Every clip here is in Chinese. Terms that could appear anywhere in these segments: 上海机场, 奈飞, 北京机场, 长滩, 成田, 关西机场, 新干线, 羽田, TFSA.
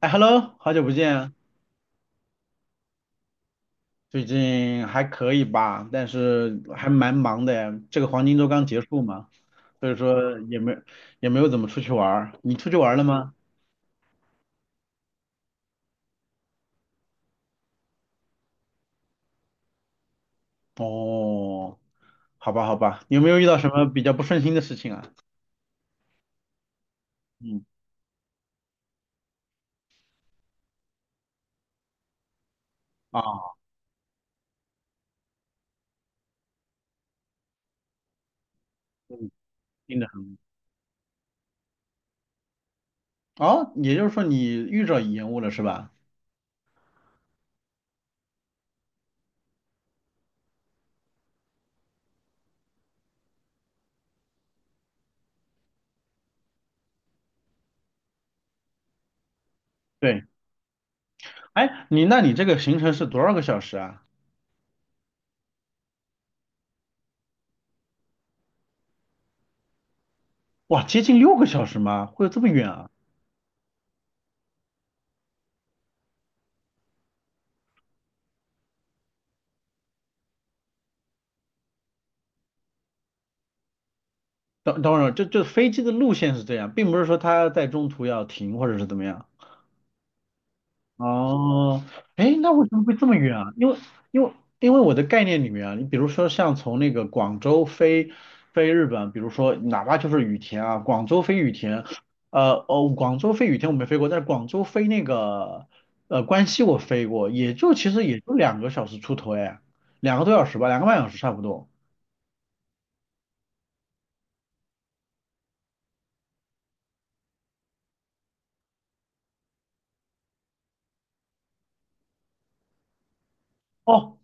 哎，Hello，好久不见啊，最近还可以吧？但是还蛮忙的呀，这个黄金周刚结束嘛，所以说也没有怎么出去玩儿。你出去玩儿了吗？哦，好吧，好吧，有没有遇到什么比较不顺心的事情啊？嗯，啊，嗯，听着很，哦，也就是说你遇着延误了是吧？对，哎，你那你这个行程是多少个小时啊？哇，接近六个小时吗？会有这么远啊？等等会儿，这飞机的路线是这样，并不是说它在中途要停或者是怎么样。哦，哎，那为什么会这么远啊？因为因为我的概念里面啊，你比如说像从那个广州飞日本，比如说哪怕就是羽田啊，广州飞羽田，广州飞羽田我没飞过，但是广州飞那个关西我飞过，其实也就2个小时出头哎，2个多小时吧，2个半小时差不多。哦，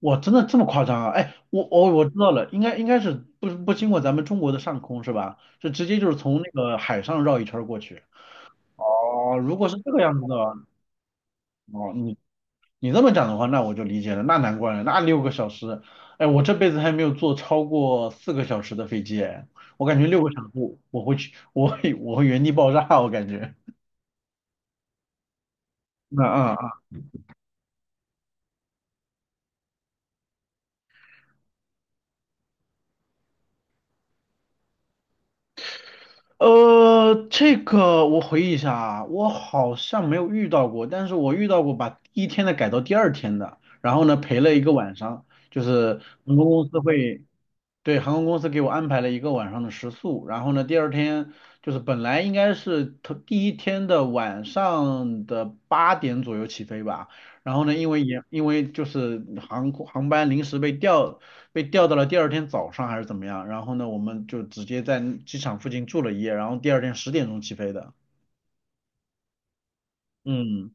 哇，真的这么夸张啊？哎，我知道了，应该是不经过咱们中国的上空是吧？就直接就是从那个海上绕一圈儿过去。哦，如果是这个样子的话哦，你这么讲的话，那我就理解了，那难怪了，那六个小时，哎，我这辈子还没有坐超过4个小时的飞机，哎，我感觉六个小时我会去，我会原地爆炸，我感觉。嗯嗯这个我回忆一下啊，我好像没有遇到过，但是我遇到过把第一天的改到第二天的，然后呢赔了一个晚上，就是航空公司会，对，航空公司给我安排了一个晚上的食宿，然后呢第二天就是本来应该是头第一天的晚上的8点左右起飞吧，然后呢因为就是航空航班临时被调到了第二天早上还是怎么样，然后呢，我们就直接在机场附近住了一夜，然后第二天10点钟起飞的。嗯，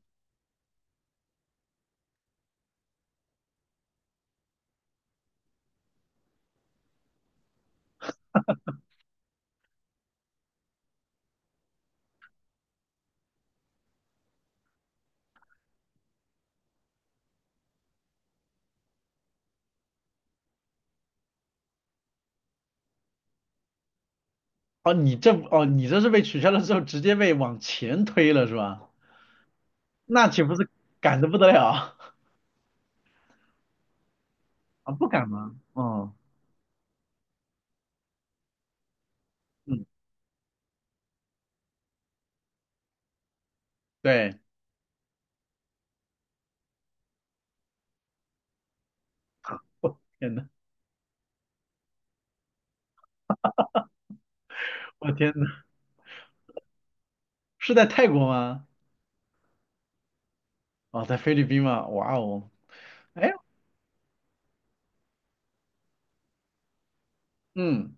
哦，哦，你这是被取消了之后直接被往前推了是吧？那岂不是赶得不得了 啊？不赶吗？哦，嗯，对，我天呐，我天呐，是在泰国吗？哦，在菲律宾吗？哇哦，哎，嗯，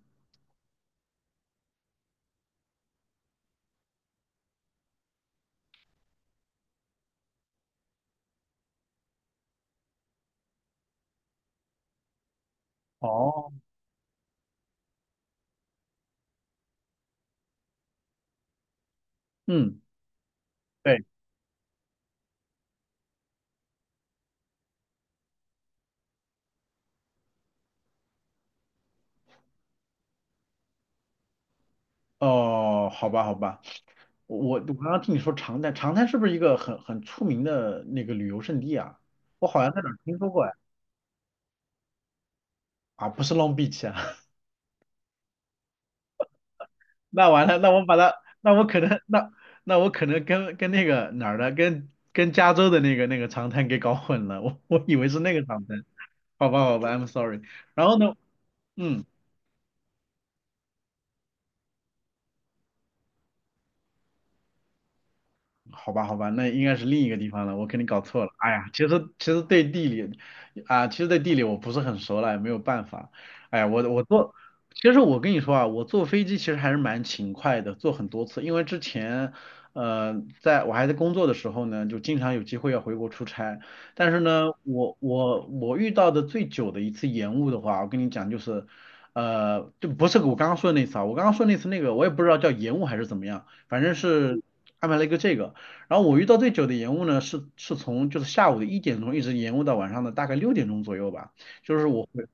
哦，嗯，对，哦，好吧，好吧。刚刚听你说长滩，长滩是不是一个很出名的那个旅游胜地啊？我好像在哪儿听说过哎。啊，不是 Long Beach 啊，那完了，那我把它，那我可能，那我可能跟那个哪儿的，跟加州的那个长滩给搞混了，我以为是那个长滩，好吧好吧，I'm sorry。然后呢，嗯。好吧，好吧，那应该是另一个地方了，我肯定搞错了。哎呀，其实对地理啊，其实对地理我不是很熟了，也没有办法。哎呀，我我坐，其实我跟你说啊，我坐飞机其实还是蛮勤快的，坐很多次，因为之前在我还在工作的时候呢，就经常有机会要回国出差，但是呢，我遇到的最久的一次延误的话，我跟你讲就是。就不是我刚刚说的那次啊，我刚刚说那次那个，我也不知道叫延误还是怎么样，反正是安排了一个这个。然后我遇到最久的延误呢，是从就是下午的1点钟一直延误到晚上的大概6点钟左右吧。就是我回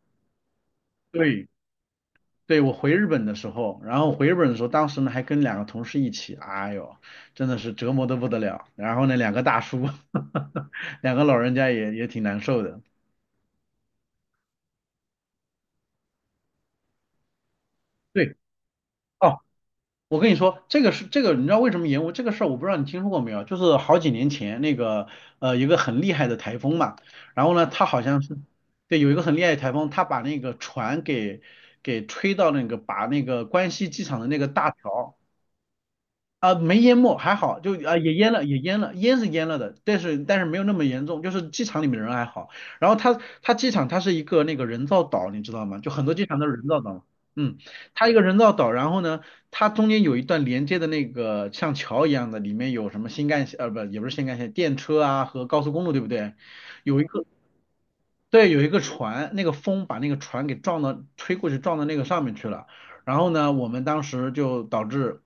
对，对，我回日本的时候，然后回日本的时候，当时呢还跟两个同事一起，哎呦，真的是折磨的不得了。然后呢，两个大叔，两个老人家也挺难受的。对，哦，我跟你说，这个是这个，你知道为什么延误这个事儿？我不知道你听说过没有，就是好几年前那个有一个很厉害的台风嘛，然后呢，它好像是对有一个很厉害的台风，它把那个船给吹到那个把那个关西机场的那个大桥。啊，没淹没，还好，就啊也淹了，也淹了，淹是淹了的，但是没有那么严重，就是机场里面人还好。然后它机场它是一个那个人造岛，你知道吗？就很多机场都是人造岛，嗯，它一个人造岛，然后呢，它中间有一段连接的那个像桥一样的，里面有什么新干线，不，也不是新干线，电车啊和高速公路，对不对？有一个对，有一个船，那个风把那个船给撞到，吹过去撞到那个上面去了。然后呢，我们当时就导致。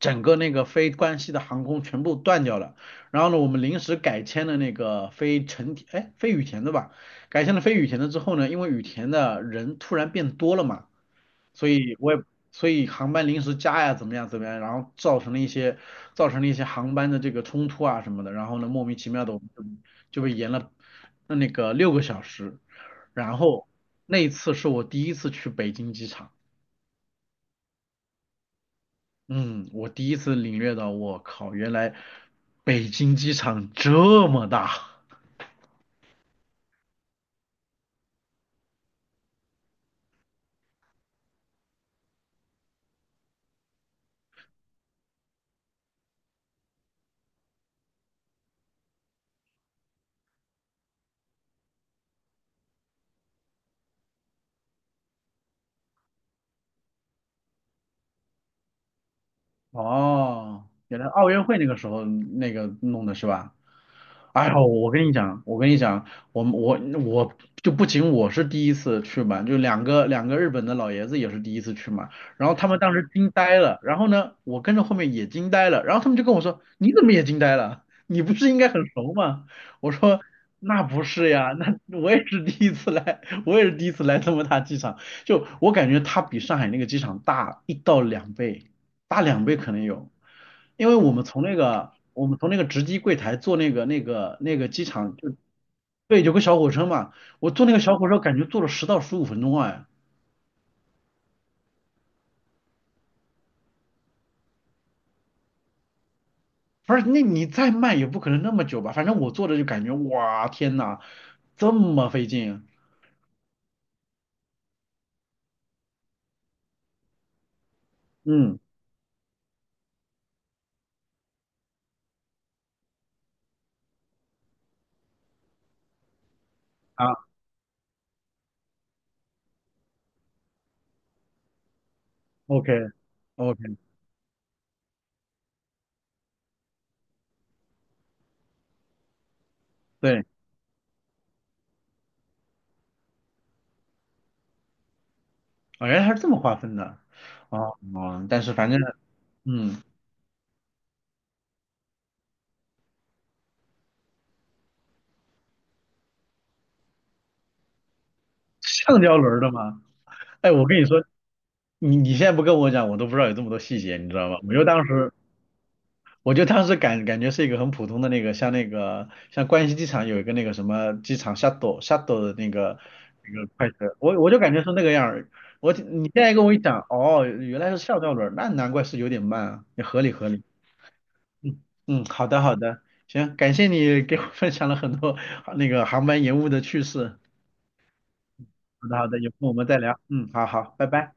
整个那个非关西的航空全部断掉了。然后呢，我们临时改签了那个飞成田，哎，飞羽田的吧？改签了飞羽田的之后呢，因为羽田的人突然变多了嘛，所以我也所以航班临时加呀，怎么样怎么样，然后造成了一些航班的这个冲突啊什么的。然后呢，莫名其妙的我们就被延了那个六个小时。然后那一次是我第一次去北京机场。嗯，我第一次领略到，我靠，原来北京机场这么大。哦，原来奥运会那个时候那个弄的是吧？哎呦，我跟你讲，我们我我不仅我是第一次去嘛，就两个两个日本的老爷子也是第一次去嘛，然后他们当时惊呆了，然后呢，我跟着后面也惊呆了，然后他们就跟我说，你怎么也惊呆了？你不是应该很熟吗？我说那不是呀，那我也是第一次来，我也是第一次来这么大机场，就我感觉它比上海那个机场大1到2倍，大两倍可能有。因为我们从那个值机柜台坐那个机场就对有个小火车嘛，我坐那个小火车感觉坐了10到15分钟哎，不是那你再慢也不可能那么久吧，反正我坐着就感觉哇天呐，这么费劲，嗯啊，OK OK,对，啊原来还是这么划分的，哦哦，但是反正嗯橡胶轮儿的嘛，哎我跟你说。你现在不跟我讲，我都不知道有这么多细节，你知道吗？我就当时觉是一个很普通的那个，像那个像关西机场有一个那个什么机场 shuttle 的那个那个快车，我就感觉是那个样儿。我你现在跟我一讲，哦，原来是校吊轮儿那难怪是有点慢啊，也合理合理。嗯嗯，好的好的，行，感谢你给我 分享了很多 那个航班延误的趣事。好的好的，有空我们再聊。嗯，好好，拜拜。